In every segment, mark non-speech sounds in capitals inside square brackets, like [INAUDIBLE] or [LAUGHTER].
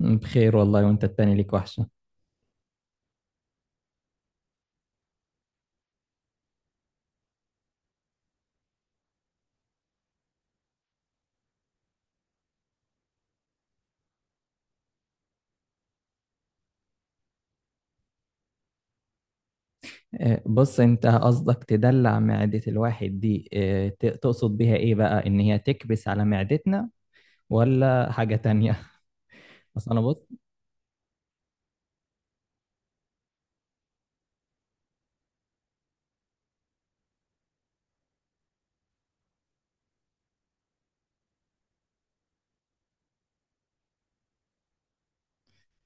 بخير والله وانت التاني ليك وحشة. بص، انت قصدك تدلع معدة الواحد دي، تقصد بيها ايه بقى؟ ان هي تكبس على معدتنا ولا حاجة تانية؟ [LAUGHS] اصل انا بص.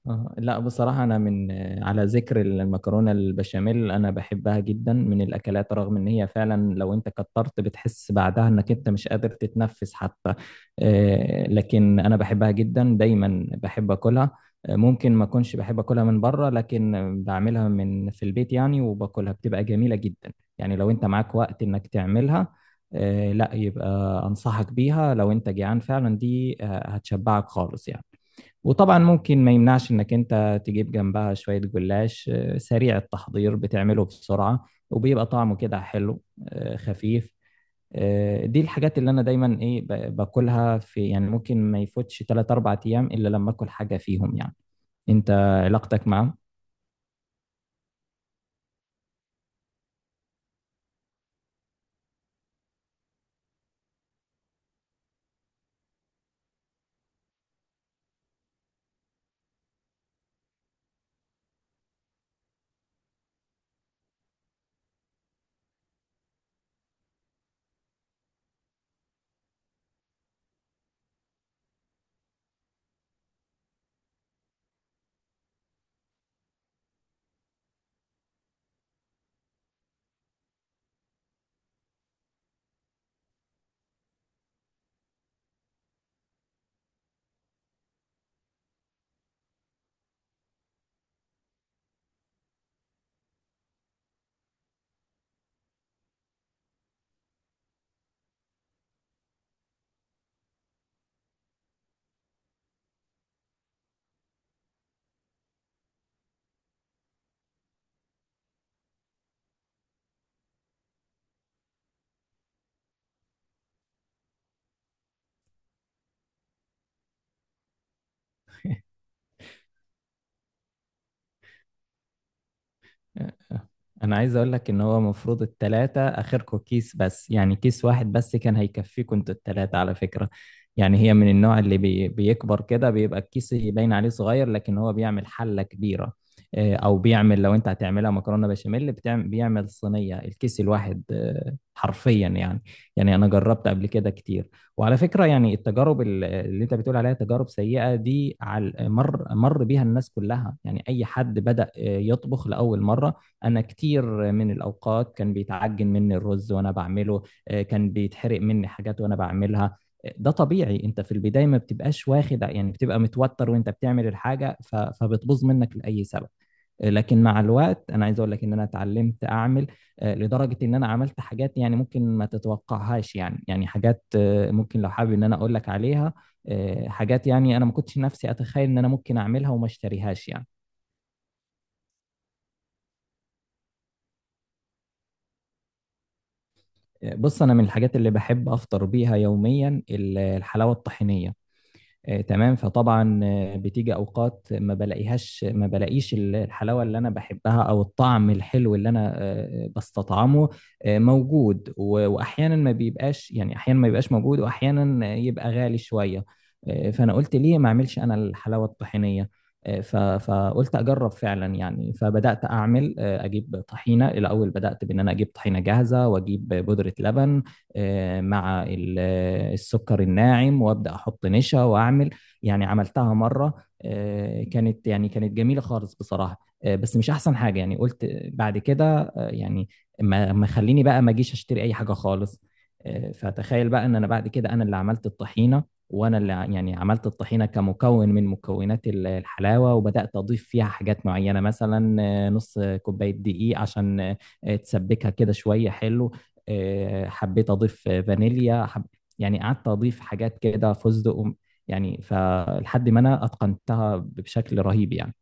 لا، بصراحة أنا من على ذكر المكرونة البشاميل أنا بحبها جدا من الأكلات، رغم إن هي فعلا لو أنت كترت بتحس بعدها إنك أنت مش قادر تتنفس حتى. لكن أنا بحبها جدا، دايما بحب أكلها. ممكن ما أكونش بحب أكلها من بره، لكن بعملها من في البيت يعني، وباكلها بتبقى جميلة جدا. يعني لو أنت معاك وقت إنك تعملها، لا، يبقى أنصحك بيها. لو أنت جعان فعلا دي، هتشبعك خالص يعني. وطبعا ممكن ما يمنعش انك انت تجيب جنبها شوية جلاش، سريع التحضير، بتعمله بسرعة وبيبقى طعمه كده حلو، خفيف. دي الحاجات اللي انا دايما ايه، باكلها في يعني، ممكن ما يفوتش 3 4 ايام الا لما اكل حاجة فيهم يعني. انت علاقتك معاهم؟ [LAUGHS] انا عايز اقول لك ان هو المفروض التلاتة اخركم كيس بس، يعني كيس واحد بس كان هيكفيكم انتوا التلاتة على فكرة. يعني هي من النوع اللي بيكبر كده، بيبقى الكيس يبين عليه صغير لكن هو بيعمل حلة كبيرة. او بيعمل، لو انت هتعملها مكرونة بشاميل بيعمل صينية الكيس الواحد، حرفيا يعني. يعني انا جربت قبل كده كتير، وعلى فكرة يعني التجارب اللي انت بتقول عليها تجارب سيئة دي على مر بيها الناس كلها، يعني اي حد بدأ يطبخ لأول مرة. انا كتير من الاوقات كان بيتعجن مني الرز وانا بعمله، كان بيتحرق مني حاجات وانا بعملها. ده طبيعي، انت في البدايه ما بتبقاش واخد يعني، بتبقى متوتر وانت بتعمل الحاجه فبتبوظ منك لاي سبب. لكن مع الوقت، انا عايز اقول لك ان انا اتعلمت اعمل، لدرجه ان انا عملت حاجات يعني ممكن ما تتوقعهاش، يعني يعني حاجات ممكن لو حابب ان انا اقول لك عليها. حاجات يعني انا ما كنتش نفسي اتخيل ان انا ممكن اعملها وما اشتريهاش يعني. بص، انا من الحاجات اللي بحب افطر بيها يوميا الحلاوه الطحينيه. تمام. فطبعا بتيجي اوقات ما بلاقيهاش، ما بلاقيش الحلاوه اللي انا بحبها او الطعم الحلو اللي انا بستطعمه موجود، واحيانا ما بيبقاش، يعني احيانا ما بيبقاش موجود، واحيانا يبقى غالي شويه. فانا قلت ليه ما اعملش انا الحلاوه الطحينيه؟ فقلت اجرب فعلا يعني، فبدات اعمل، اجيب طحينه الاول، بدات بان انا اجيب طحينه جاهزه واجيب بودره لبن مع السكر الناعم، وابدا احط نشا واعمل. يعني عملتها مره، كانت يعني كانت جميله خالص بصراحه. بس مش احسن حاجه، يعني قلت بعد كده يعني ما خليني بقى ما اجيش اشتري اي حاجه خالص. فتخيل بقى ان انا بعد كده انا اللي عملت الطحينه، وانا اللي يعني عملت الطحينه كمكون من مكونات الحلاوه، وبدات اضيف فيها حاجات معينه مثلا نص كوبايه دقيق عشان تسبكها كده شويه حلو. حبيت اضيف فانيليا يعني قعدت اضيف حاجات كده، فستق يعني فلحد ما انا اتقنتها بشكل رهيب يعني.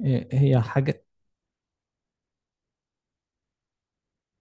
هي حاجه،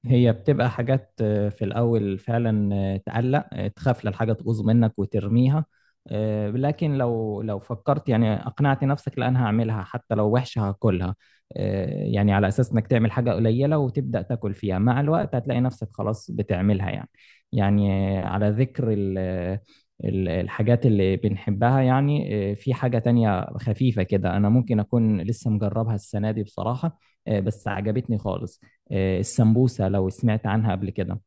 هي بتبقى حاجات في الأول فعلا تقلق، تخاف للحاجة تبوظ منك وترميها. لكن لو فكرت يعني أقنعت نفسك لا أنا هعملها حتى لو وحشة هاكلها، يعني على أساس إنك تعمل حاجة قليلة وتبدأ تاكل فيها، مع الوقت هتلاقي نفسك خلاص بتعملها يعني. يعني على ذكر الحاجات اللي بنحبها يعني، في حاجة تانية خفيفة كده أنا ممكن أكون لسه مجربها السنة دي بصراحة. بس عجبتني خالص. السمبوسة، لو سمعت عنها قبل كده.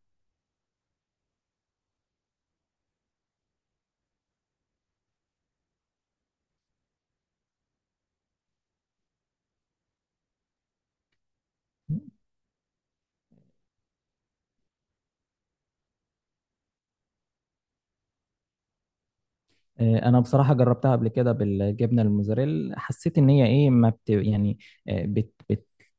انا بصراحة جربتها قبل كده بالجبنة الموزاريلا، حسيت ان هي ايه، ما بت يعني آه، بت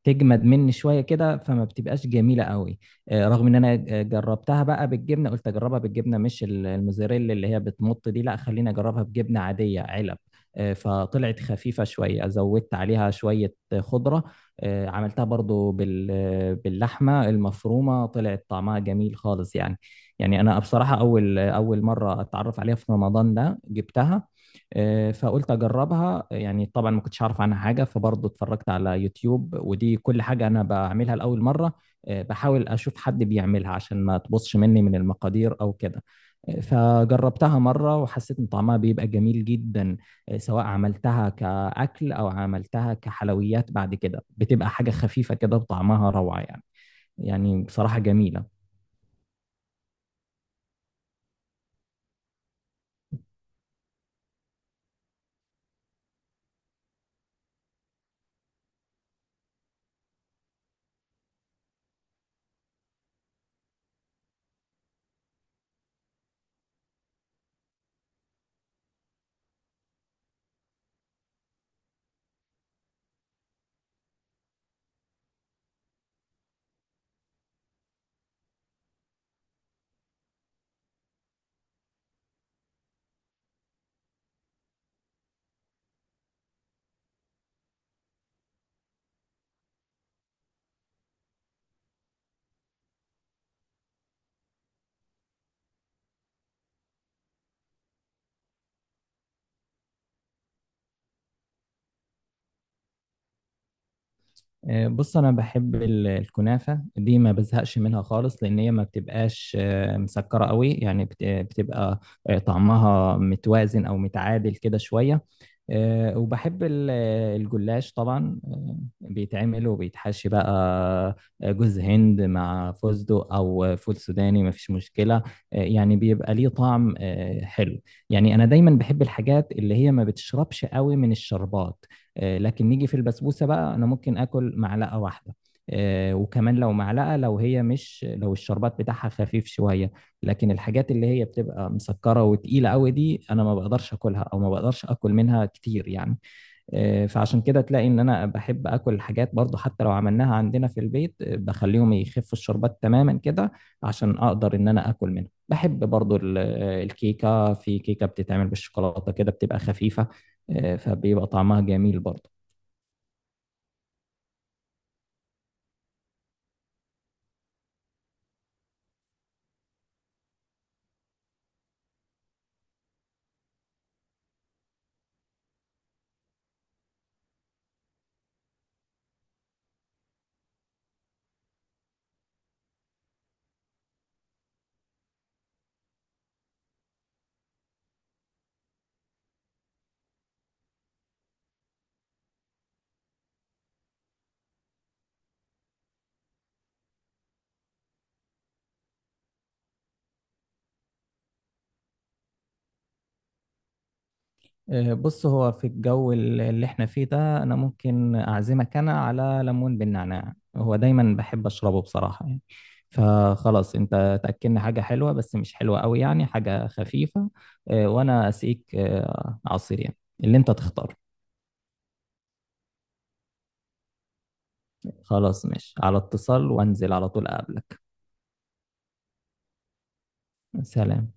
بتجمد مني شوية كده فما بتبقاش جميلة قوي. رغم ان انا جربتها بقى بالجبنة، قلت اجربها بالجبنة مش الموزاريلا اللي هي بتمط دي، لا خليني اجربها بجبنة عادية علب. فطلعت خفيفة شوية، زودت عليها شوية خضرة. عملتها برضو باللحمة المفرومة، طلعت طعمها جميل خالص يعني. يعني انا بصراحه اول مره اتعرف عليها في رمضان ده جبتها. فقلت اجربها يعني. طبعا ما كنتش اعرف عنها حاجه، فبرضه اتفرجت على يوتيوب، ودي كل حاجه انا بعملها لاول مره بحاول اشوف حد بيعملها عشان ما تبصش مني من المقادير او كده. فجربتها مره وحسيت ان طعمها بيبقى جميل جدا. سواء عملتها كاكل او عملتها كحلويات بعد كده، بتبقى حاجه خفيفه كده وطعمها روعه يعني، يعني بصراحه جميله. بص، انا بحب الكنافه دي، ما بزهقش منها خالص، لان هي ما بتبقاش مسكره قوي يعني، بتبقى طعمها متوازن او متعادل كده شويه. وبحب الجلاش طبعا، بيتعمل وبيتحشي بقى جوز هند مع فستق او فول سوداني مفيش مشكله، يعني بيبقى ليه طعم حلو. يعني انا دايما بحب الحاجات اللي هي ما بتشربش قوي من الشربات. لكن نيجي في البسبوسه بقى، انا ممكن اكل معلقه واحده وكمان، لو معلقه لو هي مش، لو الشربات بتاعها خفيف شويه، لكن الحاجات اللي هي بتبقى مسكره وتقيله قوي دي انا ما بقدرش اكلها، او ما بقدرش اكل منها كتير يعني. فعشان كده تلاقي ان انا بحب اكل الحاجات برضو، حتى لو عملناها عندنا في البيت بخليهم يخفوا الشربات تماما كده عشان اقدر ان انا اكل منها. بحب برضو الكيكه، في كيكه بتتعمل بالشوكولاته كده بتبقى خفيفه، فبيبقى طعمها جميل برضو. بص، هو في الجو اللي احنا فيه ده، انا ممكن اعزمك انا على ليمون بالنعناع، هو دايما بحب اشربه بصراحة يعني. فخلاص انت تأكلنا حاجة حلوة بس مش حلوة قوي، يعني حاجة خفيفة، وانا اسقيك عصير يعني اللي انت تختار. خلاص، ماشي، على اتصال، وانزل على طول اقابلك. سلام.